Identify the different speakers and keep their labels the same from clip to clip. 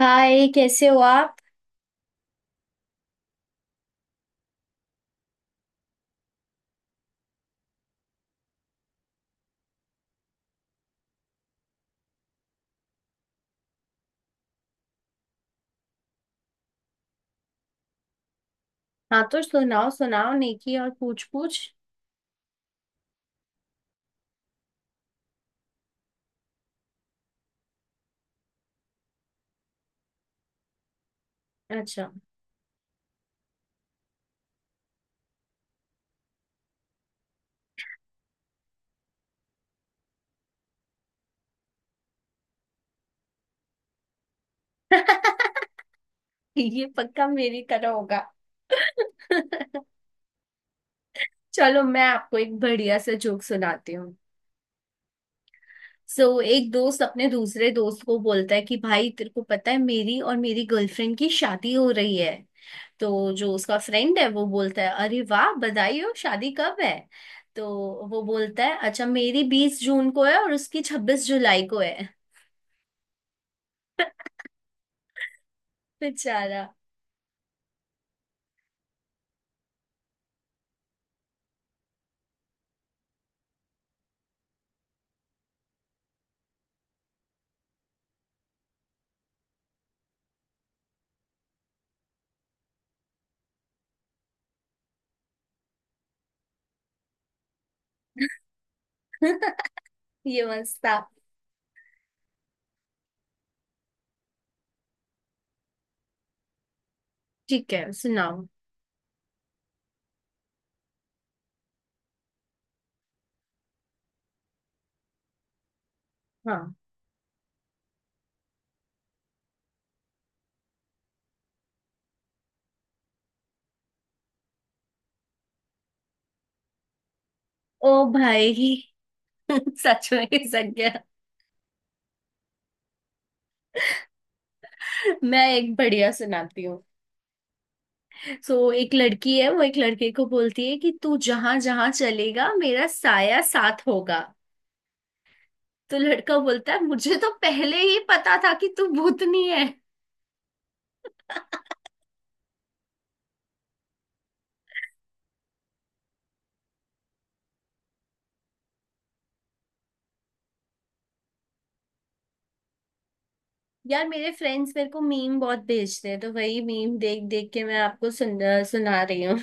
Speaker 1: हाय कैसे हो आप। हाँ तो सुनाओ सुनाओ, नेकी और पूछ पूछ। अच्छा, ये पक्का मेरी तरह होगा। चलो मैं आपको एक बढ़िया सा जोक सुनाती हूँ। सो एक दोस्त अपने दूसरे दोस्त को बोलता है कि भाई तेरे को पता है मेरी और मेरी गर्लफ्रेंड की शादी हो रही है। तो जो उसका फ्रेंड है वो बोलता है अरे वाह बधाई हो, शादी कब है। तो वो बोलता है अच्छा मेरी 20 जून को है और उसकी 26 जुलाई को है। बेचारा। ये मस्त था। ठीक है सुनाओ। हाँ। ओ भाई। सच में सच गया। मैं एक बढ़िया सुनाती हूँ। सो एक लड़की है वो एक लड़के को बोलती है कि तू जहां जहां चलेगा मेरा साया साथ होगा। तो लड़का बोलता है मुझे तो पहले ही पता था कि तू भूतनी है। यार मेरे फ्रेंड्स मेरे को मीम बहुत भेजते हैं तो वही मीम देख देख के मैं आपको सुन सुना रही हूँ।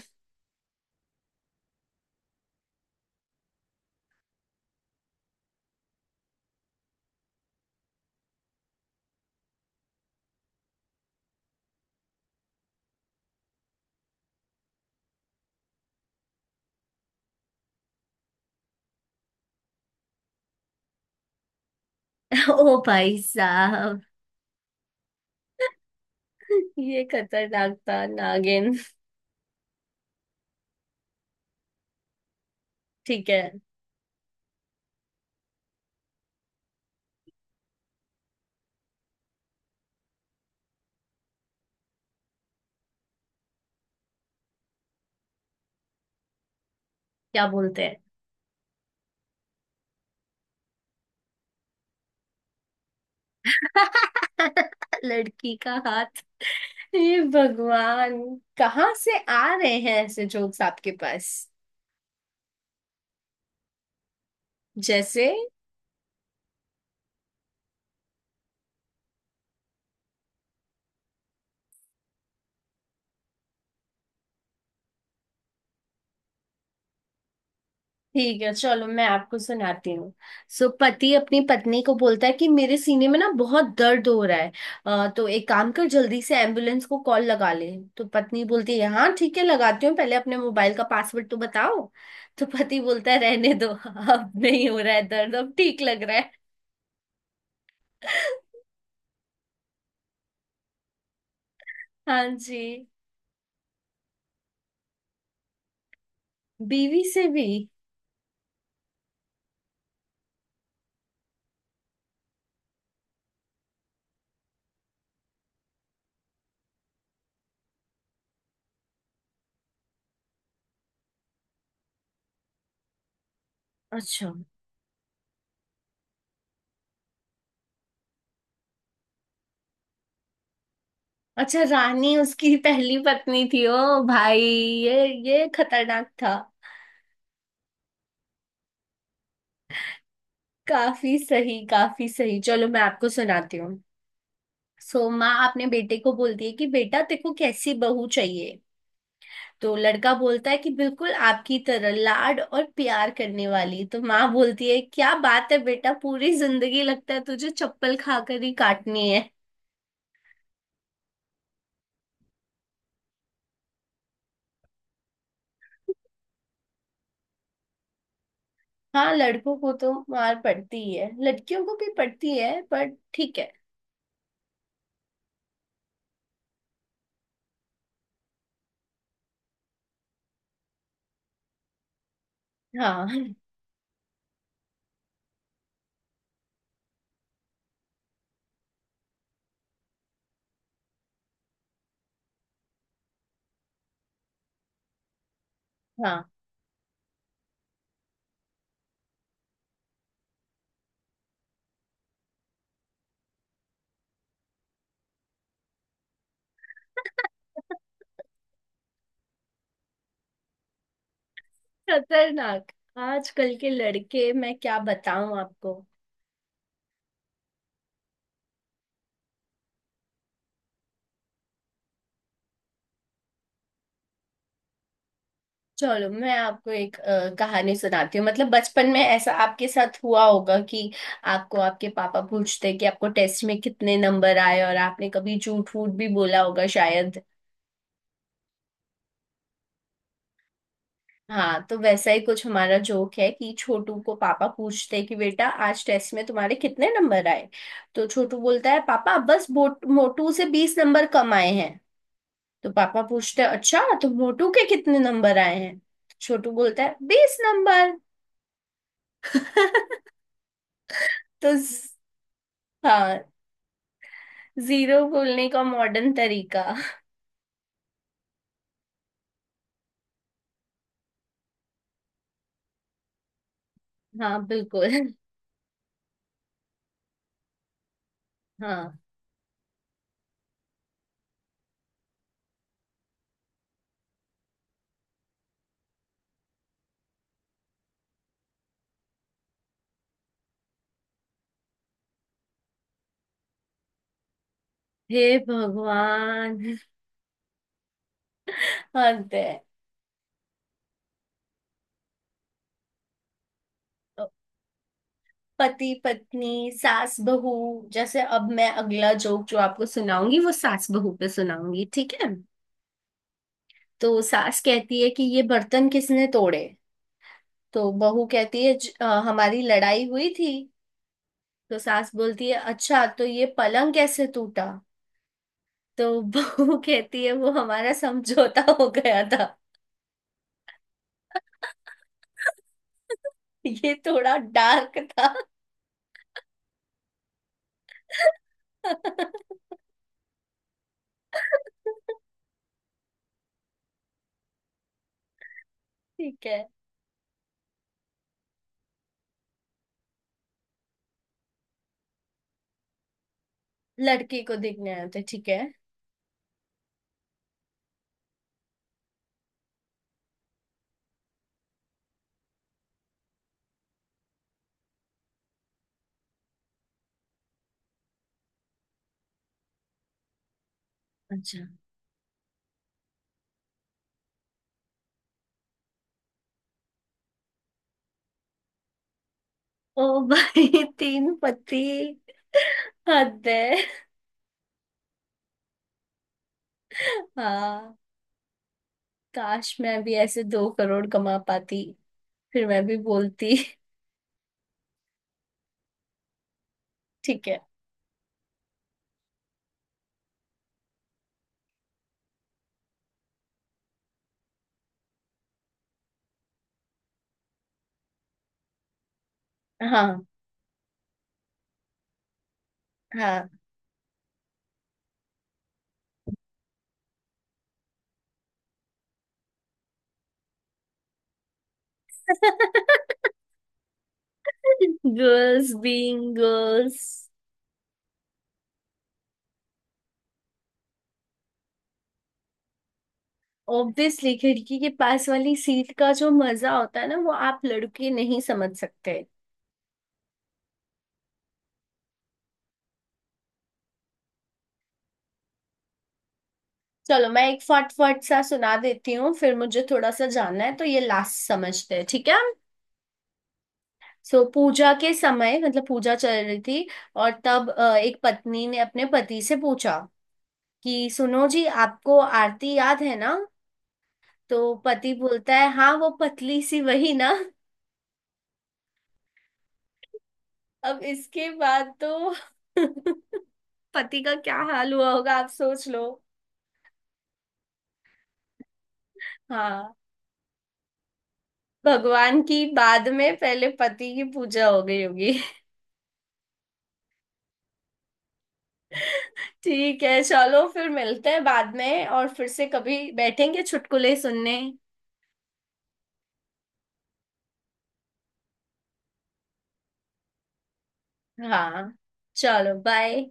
Speaker 1: ओ भाई साहब, ये खतरनाक था नागिन। ठीक है। क्या बोलते हैं। लड़की का हाथ। हे भगवान, कहाँ से आ रहे हैं ऐसे जोक्स आपके पास। जैसे। ठीक है चलो मैं आपको सुनाती हूँ। सो पति अपनी पत्नी को बोलता है कि मेरे सीने में ना बहुत दर्द हो रहा है। तो एक काम कर जल्दी से एम्बुलेंस को कॉल लगा ले। तो पत्नी बोलती है हाँ ठीक है लगाती हूँ, पहले अपने मोबाइल का पासवर्ड तो बताओ। तो पति बोलता है रहने दो अब नहीं हो रहा है दर्द, अब ठीक लग रहा है। हाँ जी। बीवी से भी। अच्छा अच्छा, रानी उसकी पहली पत्नी थी। ओ भाई ये खतरनाक था। काफी सही काफी सही, चलो मैं आपको सुनाती हूँ। सो माँ अपने बेटे को बोलती है कि बेटा तेको कैसी बहू चाहिए। तो लड़का बोलता है कि बिल्कुल आपकी तरह लाड और प्यार करने वाली। तो माँ बोलती है क्या बात है बेटा, पूरी जिंदगी लगता है तुझे चप्पल खाकर ही काटनी है। हाँ, लड़कों को तो मार पड़ती है लड़कियों को भी पड़ती है, पर ठीक है। हाँ हाँ। खतरनाक, आजकल के लड़के मैं क्या बताऊं आपको। चलो मैं आपको एक कहानी सुनाती हूँ, मतलब बचपन में ऐसा आपके साथ हुआ होगा कि आपको आपके पापा पूछते कि आपको टेस्ट में कितने नंबर आए, और आपने कभी झूठ फूट भी बोला होगा शायद। हाँ तो वैसा ही कुछ हमारा जोक है कि छोटू को पापा पूछते कि बेटा आज टेस्ट में तुम्हारे कितने नंबर आए। तो छोटू बोलता है पापा बस मोटू से 20 नंबर कम आए हैं। तो पापा पूछते हैं अच्छा तो मोटू के कितने नंबर आए हैं। तो छोटू बोलता है 20 नंबर। तो ज- हाँ। जीरो बोलने का मॉडर्न तरीका। हाँ बिल्कुल। हाँ। हे भगवान, हद है। पति पत्नी, सास बहू। जैसे अब मैं अगला जोक जो आपको सुनाऊंगी वो सास बहू पे सुनाऊंगी ठीक है। तो सास कहती है कि ये बर्तन किसने तोड़े। तो बहू कहती है हमारी लड़ाई हुई थी। तो सास बोलती है अच्छा तो ये पलंग कैसे टूटा। तो बहू कहती है वो हमारा समझौता हो गया था। ये थोड़ा डार्क था। ठीक है। लड़की को देखने आए थे, ठीक है। अच्छा। ओ भाई तीन पति, हद है। हाँ, काश मैं भी ऐसे 2 करोड़ कमा पाती, फिर मैं भी बोलती। ठीक है। हाँ हाँ। Girls being girls. ऑब्वियसली खिड़की के पास वाली सीट का जो मजा होता है ना वो आप लड़के नहीं समझ सकते। चलो मैं एक फटफट सा सुना देती हूँ, फिर मुझे थोड़ा सा जानना है, तो ये लास्ट समझते हैं ठीक है। सो पूजा के समय, मतलब पूजा चल रही थी, और तब एक पत्नी ने अपने पति से पूछा कि सुनो जी आपको आरती याद है ना। तो पति बोलता है हाँ वो पतली सी वही ना। अब इसके बाद तो पति का क्या हाल हुआ होगा आप सोच लो। हाँ, भगवान की बाद में पहले पति की पूजा हो गई होगी। ठीक है चलो फिर मिलते हैं बाद में और फिर से कभी बैठेंगे चुटकुले सुनने। हाँ चलो बाय।